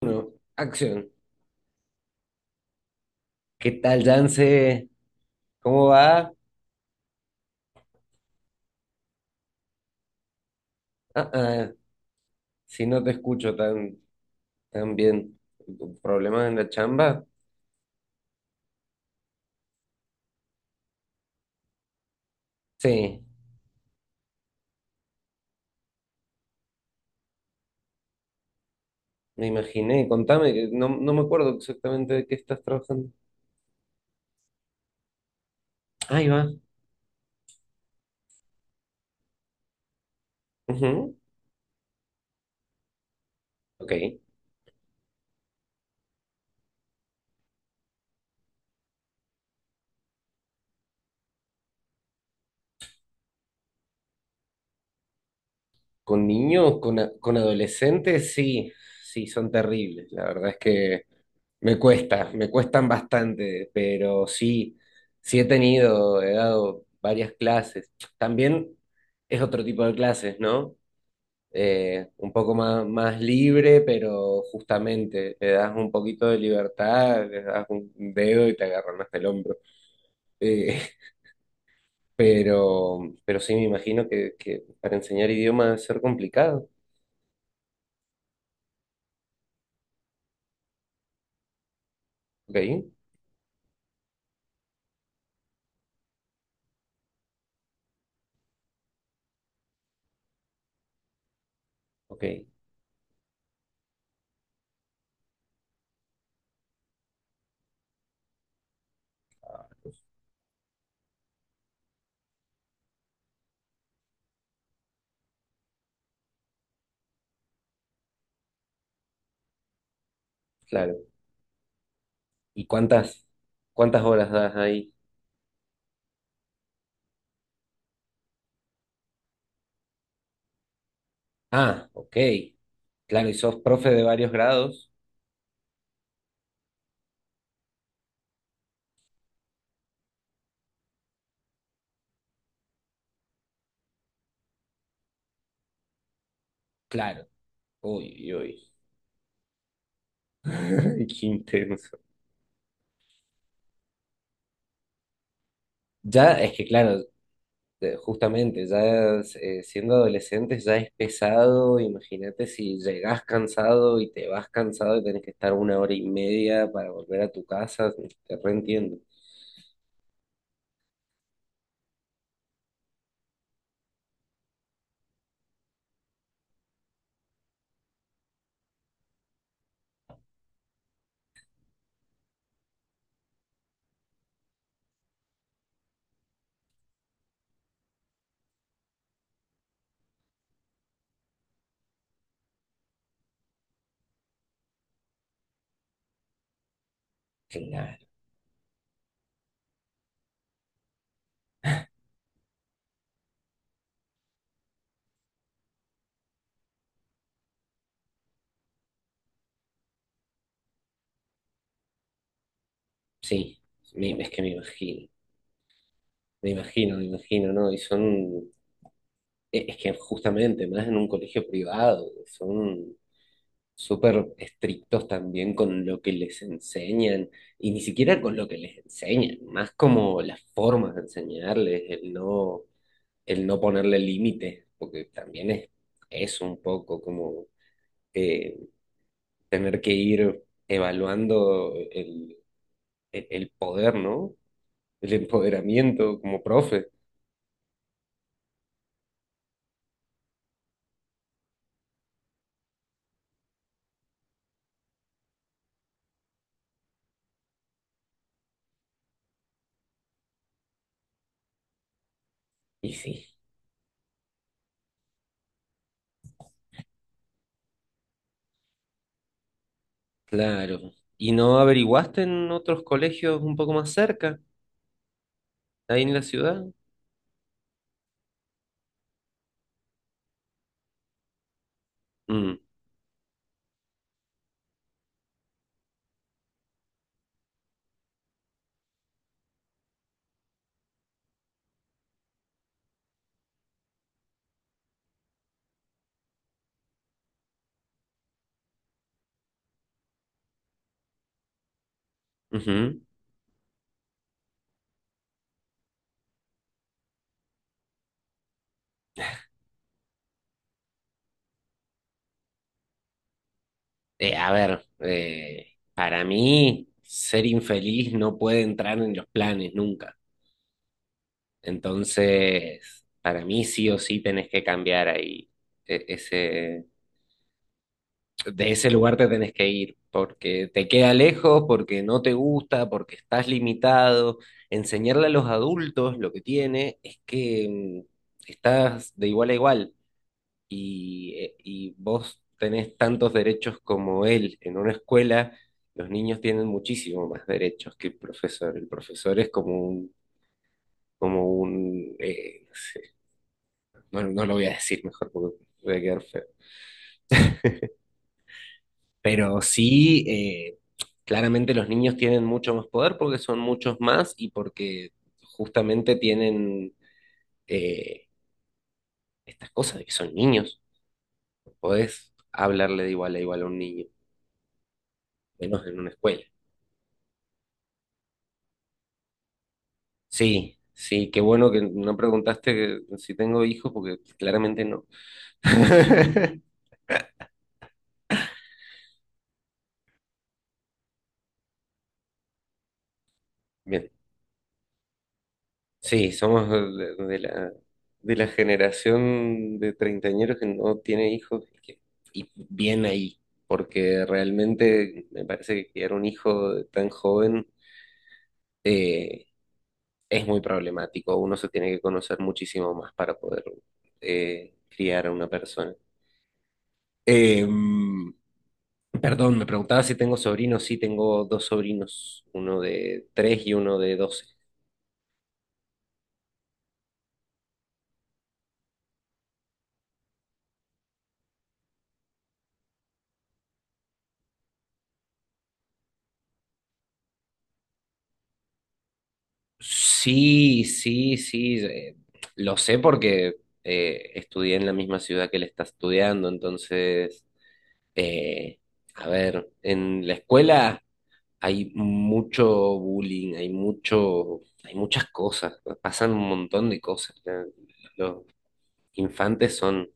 Uno, acción. ¿Qué tal, Yance? ¿Cómo va? Ah, ah, si no te escucho tan bien. ¿Problemas en la chamba? Sí, me imaginé. Contame, que no, no me acuerdo exactamente de qué estás trabajando. Ahí va. Ujú, ok. ¿Con niños? ¿Con, con adolescentes? Sí, sí, son terribles. La verdad es que me cuestan bastante, pero sí, sí he tenido, he dado varias clases. También es otro tipo de clases, ¿no? Un poco más libre, pero justamente le das un poquito de libertad, le das un dedo y te agarran hasta el hombro. Eh, pero sí me imagino que para enseñar idioma debe ser complicado. Ok, ok, claro. ¿Y cuántas horas das ahí? Ah, ok. Claro, y sos profe de varios grados. Claro. Uy, uy. Qué intenso. Ya, es que claro, justamente, ya siendo adolescentes ya es pesado. Imagínate si llegás cansado y te vas cansado y tenés que estar 1 hora y media para volver a tu casa. Te reentiendo. Claro, sí. Es que me imagino. Me imagino, me imagino, ¿no? Y son. Es que justamente, más en un colegio privado, son súper estrictos también con lo que les enseñan, y ni siquiera con lo que les enseñan, más como las formas de enseñarles, el no ponerle límites, porque también es un poco como eh, tener que ir evaluando el poder, ¿no? El empoderamiento como profe. Y sí, claro. ¿Y no averiguaste en otros colegios un poco más cerca, ahí en la ciudad? Mm, ujú. A ver, para mí ser infeliz no puede entrar en los planes nunca. Entonces, para mí sí o sí tenés que cambiar ahí. e- Ese, de ese lugar te tenés que ir porque te queda lejos, porque no te gusta, porque estás limitado. Enseñarle a los adultos lo que tiene es que estás de igual a igual. Y vos tenés tantos derechos como él en una escuela, los niños tienen muchísimo más derechos que el profesor. El profesor es como un, no sé, no, no lo voy a decir mejor porque voy a quedar feo. Pero sí, claramente los niños tienen mucho más poder porque son muchos más y porque justamente tienen eh, estas cosas de que son niños. No podés hablarle de igual a igual a un niño, menos en una escuela. Sí, sí, qué bueno que no preguntaste si tengo hijos, porque claramente no. Bien, sí, somos de, de la generación de treintañeros que no tiene hijos y, y bien ahí, porque realmente me parece que criar un hijo de tan joven eh, es muy problemático. Uno se tiene que conocer muchísimo más para poder criar a una persona. Em, Perdón, me preguntaba si tengo sobrinos. Sí, tengo dos sobrinos, uno de 3 y uno de 12. Sí, sí, sí. Lo sé porque estudié en la misma ciudad que él está estudiando. Entonces, eh, a ver, en la escuela hay mucho bullying, hay mucho, hay muchas cosas, pasan un montón de cosas. Los infantes son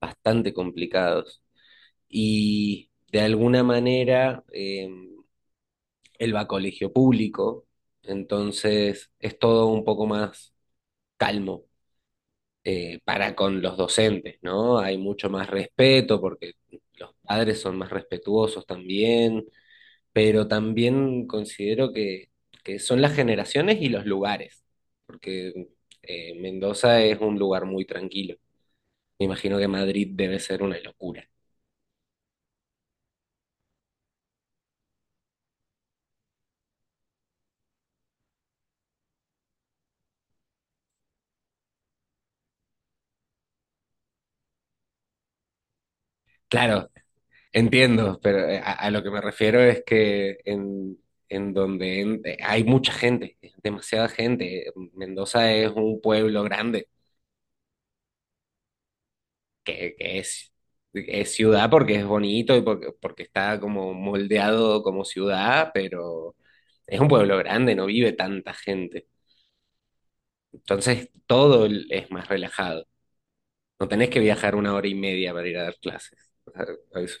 bastante complicados. Y de alguna manera, él va a colegio público, entonces es todo un poco más calmo para con los docentes, ¿no? Hay mucho más respeto porque los padres son más respetuosos también, pero también considero que son las generaciones y los lugares, porque Mendoza es un lugar muy tranquilo. Me imagino que Madrid debe ser una locura. Claro, entiendo, pero a lo que me refiero es que en, donde hay mucha gente, demasiada gente. Mendoza es un pueblo grande, que es ciudad porque es bonito y porque, porque está como moldeado como ciudad, pero es un pueblo grande, no vive tanta gente. Entonces todo es más relajado. No tenés que viajar 1 hora y media para ir a dar clases. O sea, eso-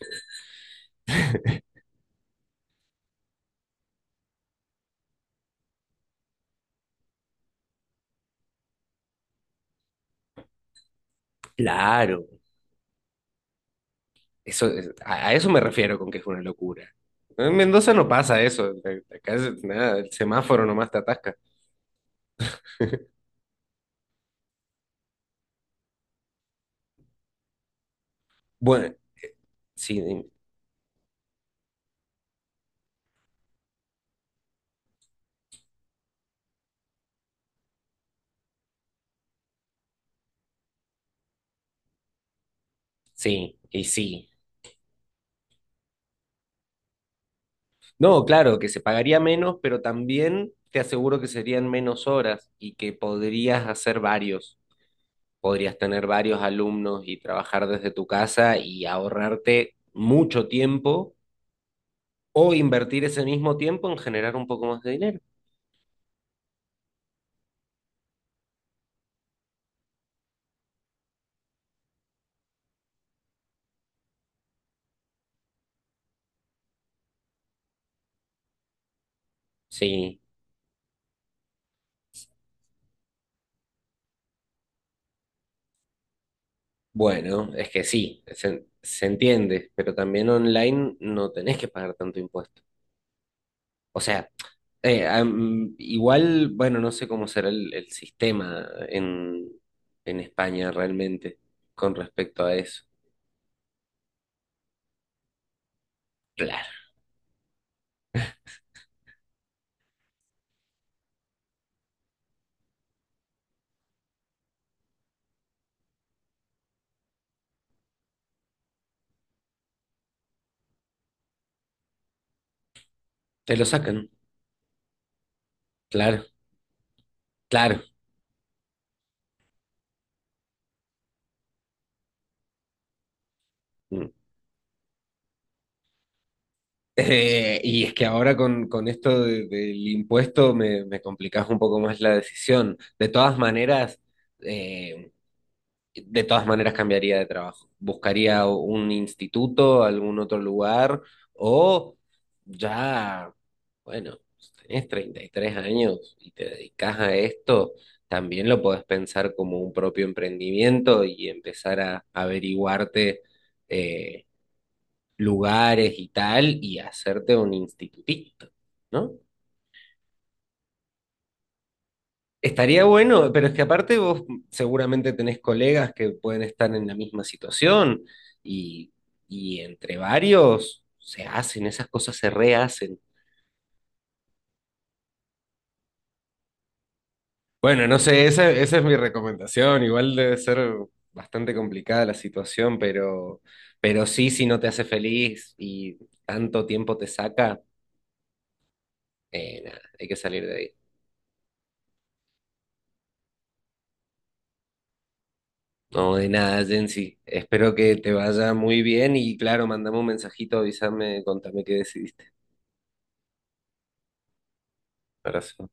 claro, eso, a eso me refiero con que es una locura. En Mendoza no pasa eso. Acá es nada, el semáforo nomás te atasca. Bueno, sí, sí, y sí. No, claro, que se pagaría menos, pero también te aseguro que serían menos horas y que podrías hacer varios. Podrías tener varios alumnos y trabajar desde tu casa y ahorrarte mucho tiempo o invertir ese mismo tiempo en generar un poco más de dinero. Sí, bueno, es que sí, se entiende, pero también online no tenés que pagar tanto impuesto. O sea, igual, bueno, no sé cómo será el sistema en, España realmente con respecto a eso. Claro, te lo sacan, claro, claro. Mm. Y es que ahora con, esto del impuesto me complicás un poco más la decisión. De todas maneras, eh, de todas maneras cambiaría de trabajo. Buscaría un instituto, algún otro lugar, o ya, bueno, tenés 33 años y te dedicas a esto, también lo podés pensar como un propio emprendimiento y empezar a averiguarte eh, lugares y tal y hacerte un institutito, ¿no? Estaría bueno, pero es que aparte vos seguramente tenés colegas que pueden estar en la misma situación y, y entre varios se hacen, esas cosas se rehacen. Bueno, no sé, esa es mi recomendación. Igual debe ser bastante complicada la situación, pero sí, si no te hace feliz y tanto tiempo te saca, nada, hay que salir de ahí. No, de nada, Jensi. Espero que te vaya muy bien y claro, mandame un mensajito, avísame, contame qué decidiste. Abrazo.